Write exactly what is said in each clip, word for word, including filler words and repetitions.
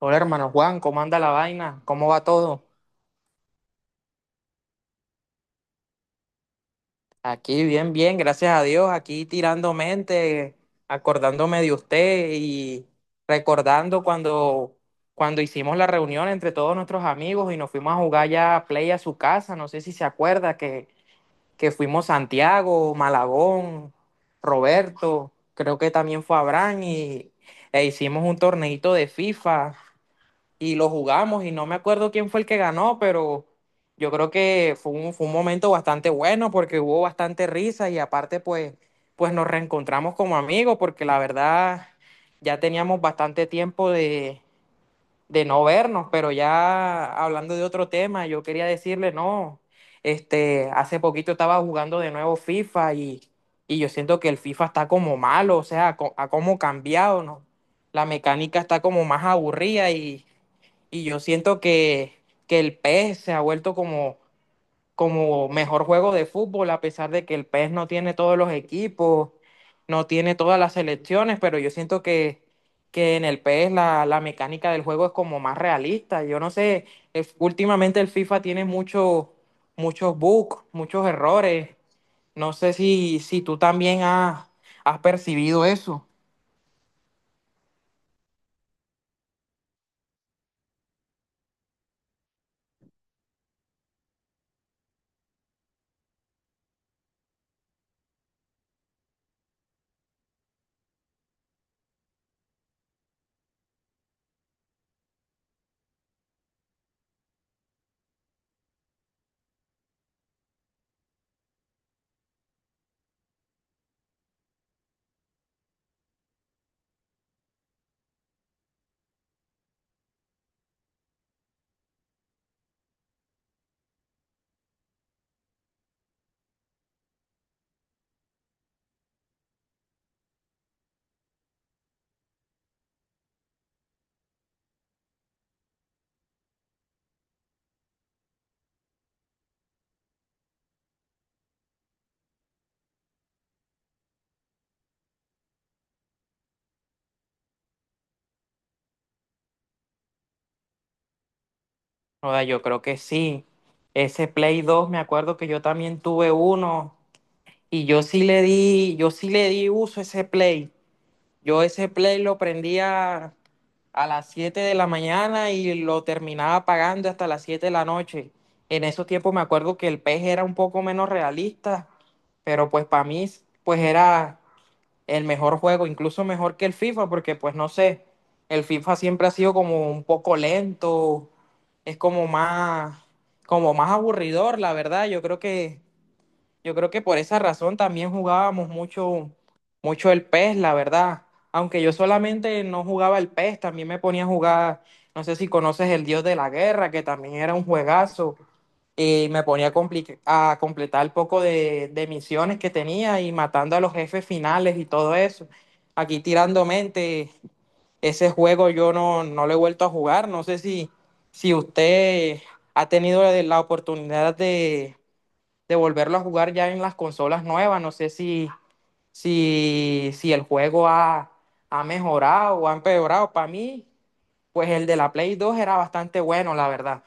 Hola hermano Juan, ¿cómo anda la vaina? ¿Cómo va todo? Aquí bien, bien, gracias a Dios, aquí tirando mente, acordándome de usted y recordando cuando, cuando hicimos la reunión entre todos nuestros amigos y nos fuimos a jugar ya a play a su casa. No sé si se acuerda que, que fuimos Santiago, Malagón, Roberto, creo que también fue Abraham y e hicimos un torneito de FIFA. Y lo jugamos y no me acuerdo quién fue el que ganó, pero yo creo que fue un, fue un momento bastante bueno porque hubo bastante risa y aparte pues, pues nos reencontramos como amigos, porque la verdad ya teníamos bastante tiempo de, de no vernos. Pero ya hablando de otro tema, yo quería decirle, no, este, hace poquito estaba jugando de nuevo FIFA y, y yo siento que el FIFA está como malo, o sea, co- ha como cambiado, ¿no? La mecánica está como más aburrida y y yo siento que, que el P E S se ha vuelto como, como mejor juego de fútbol, a pesar de que el P E S no tiene todos los equipos, no tiene todas las selecciones, pero yo siento que, que en el P E S la, la mecánica del juego es como más realista. Yo no sé, es- últimamente el FIFA tiene muchos muchos bugs, muchos errores. No sé si, si tú también has, has percibido eso. Joda, yo creo que sí. Ese Play dos me acuerdo que yo también tuve uno. Y yo sí le di, yo sí le di uso a ese play. Yo ese play lo prendía a las siete de la mañana y lo terminaba pagando hasta las siete de la noche. En esos tiempos me acuerdo que el pez era un poco menos realista, pero pues para mí pues era el mejor juego, incluso mejor que el FIFA, porque pues no sé, el FIFA siempre ha sido como un poco lento, es como más, como más aburridor, la verdad. Yo creo que yo creo que por esa razón también jugábamos mucho, mucho el P E S, la verdad. Aunque yo solamente no jugaba el P E S, también me ponía a jugar, no sé si conoces el Dios de la Guerra, que también era un juegazo, y me ponía a, compli- a completar el poco de, de misiones que tenía y matando a los jefes finales y todo eso. Aquí tirando mente, ese juego yo no, no lo he vuelto a jugar. No sé si, si usted ha tenido la oportunidad de de volverlo a jugar ya en las consolas nuevas. No sé si, si, si el juego ha, ha mejorado o ha empeorado. Para mí, pues el de la Play dos era bastante bueno, la verdad.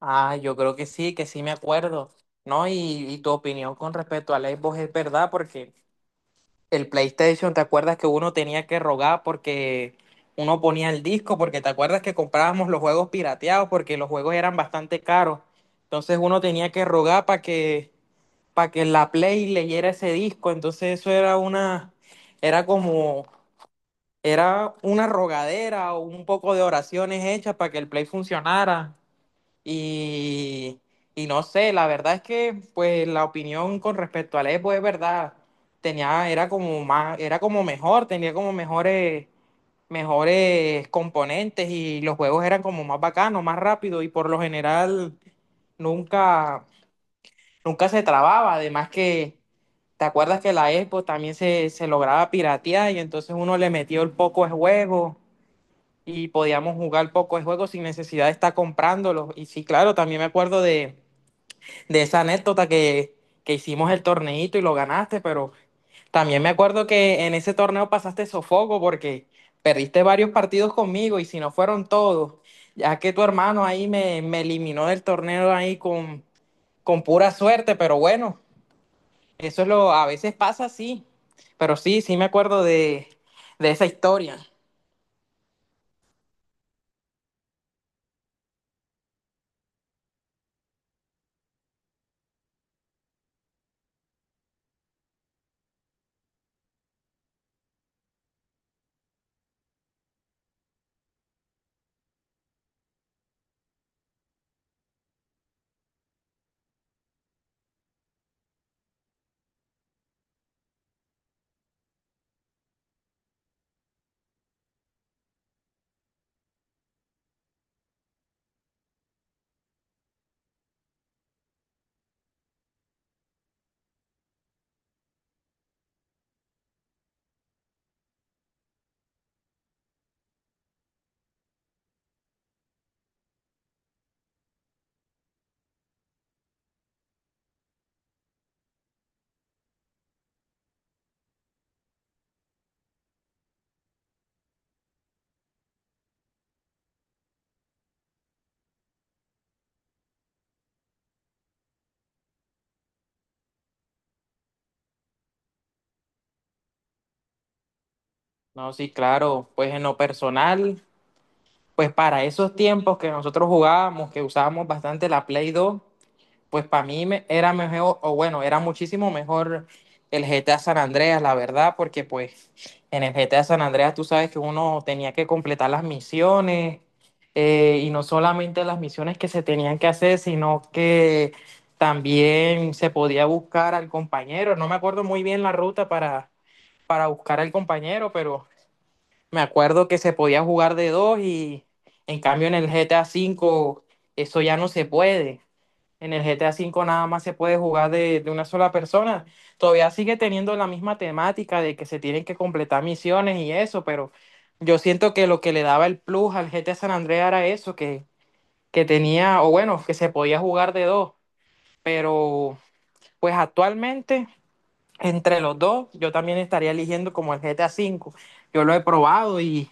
Ah, yo creo que sí, que sí me acuerdo, ¿no? Y, y tu opinión con respecto al Xbox es verdad, porque el PlayStation, ¿te acuerdas que uno tenía que rogar porque uno ponía el disco? Porque te acuerdas que comprábamos los juegos pirateados porque los juegos eran bastante caros. Entonces uno tenía que rogar para que para que la Play leyera ese disco. Entonces eso era una, era como, era una rogadera o un poco de oraciones hechas para que el Play funcionara. Y, y no sé, la verdad es que pues la opinión con respecto al Epo es verdad. Tenía, era como más, era como mejor, tenía como mejores, mejores componentes, y los juegos eran como más bacanos, más rápidos, y por lo general nunca nunca se trababa. Además que, ¿te acuerdas que la Xbox también se, se lograba piratear y entonces uno le metió el poco de juego y podíamos jugar poco de juego sin necesidad de estar comprándolo? Y sí, claro, también me acuerdo de, de esa anécdota que, que hicimos el torneito y lo ganaste, pero también me acuerdo que en ese torneo pasaste sofoco porque perdiste varios partidos conmigo, y si no fueron todos, ya que tu hermano ahí me, me eliminó del torneo ahí con, con pura suerte. Pero bueno, eso es lo, a veces pasa. Sí, pero sí, sí me acuerdo de, de esa historia. No, sí, claro, pues en lo personal, pues para esos tiempos que nosotros jugábamos, que usábamos bastante la Play dos, pues para mí me- era mejor, o bueno, era muchísimo mejor el G T A San Andreas, la verdad, porque pues en el G T A San Andreas tú sabes que uno tenía que completar las misiones, eh, y no solamente las misiones que se tenían que hacer, sino que también se podía buscar al compañero. No me acuerdo muy bien la ruta para, para buscar al compañero, pero me acuerdo que se podía jugar de dos, y en cambio en el G T A cinco eso ya no se puede. En el GTA V nada más se puede jugar de, de una sola persona. Todavía sigue teniendo la misma temática de que se tienen que completar misiones y eso, pero yo siento que lo que le daba el plus al G T A San Andreas era eso, que, que tenía, o bueno, que se podía jugar de dos. Pero pues actualmente, entre los dos, yo también estaría eligiendo como el G T A cinco. Yo lo he probado y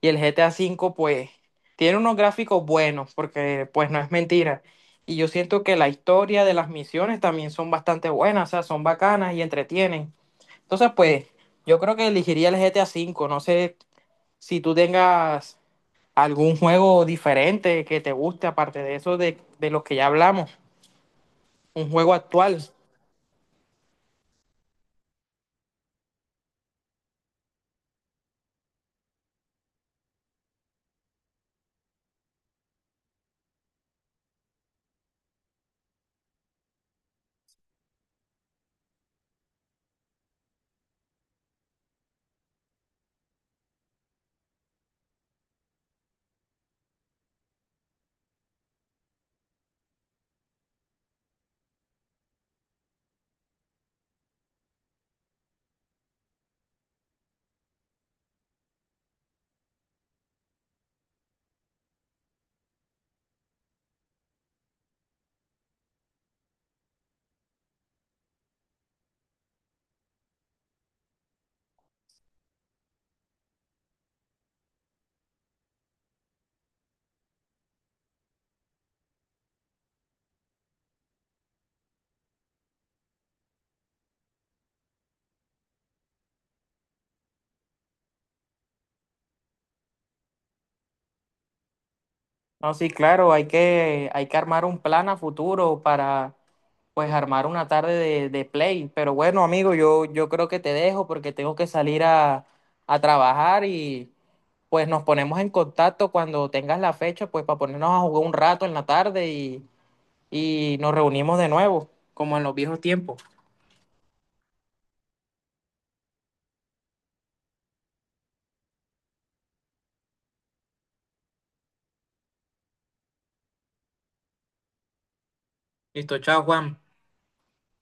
y el G T A cinco, pues, tiene unos gráficos buenos, porque, pues, no es mentira. Y yo siento que la historia de las misiones también son bastante buenas, o sea, son bacanas y entretienen. Entonces, pues, yo creo que elegiría el G T A cinco. No sé si tú tengas algún juego diferente que te guste, aparte de eso de, de los que ya hablamos, un juego actual. No, sí, claro, hay que, hay que armar un plan a futuro para, pues, armar una tarde de, de play. Pero bueno, amigo, yo, yo creo que te dejo porque tengo que salir a, a trabajar y, pues, nos ponemos en contacto cuando tengas la fecha, pues, para ponernos a jugar un rato en la tarde y, y nos reunimos de nuevo, como en los viejos tiempos. Listo, chao, Juan.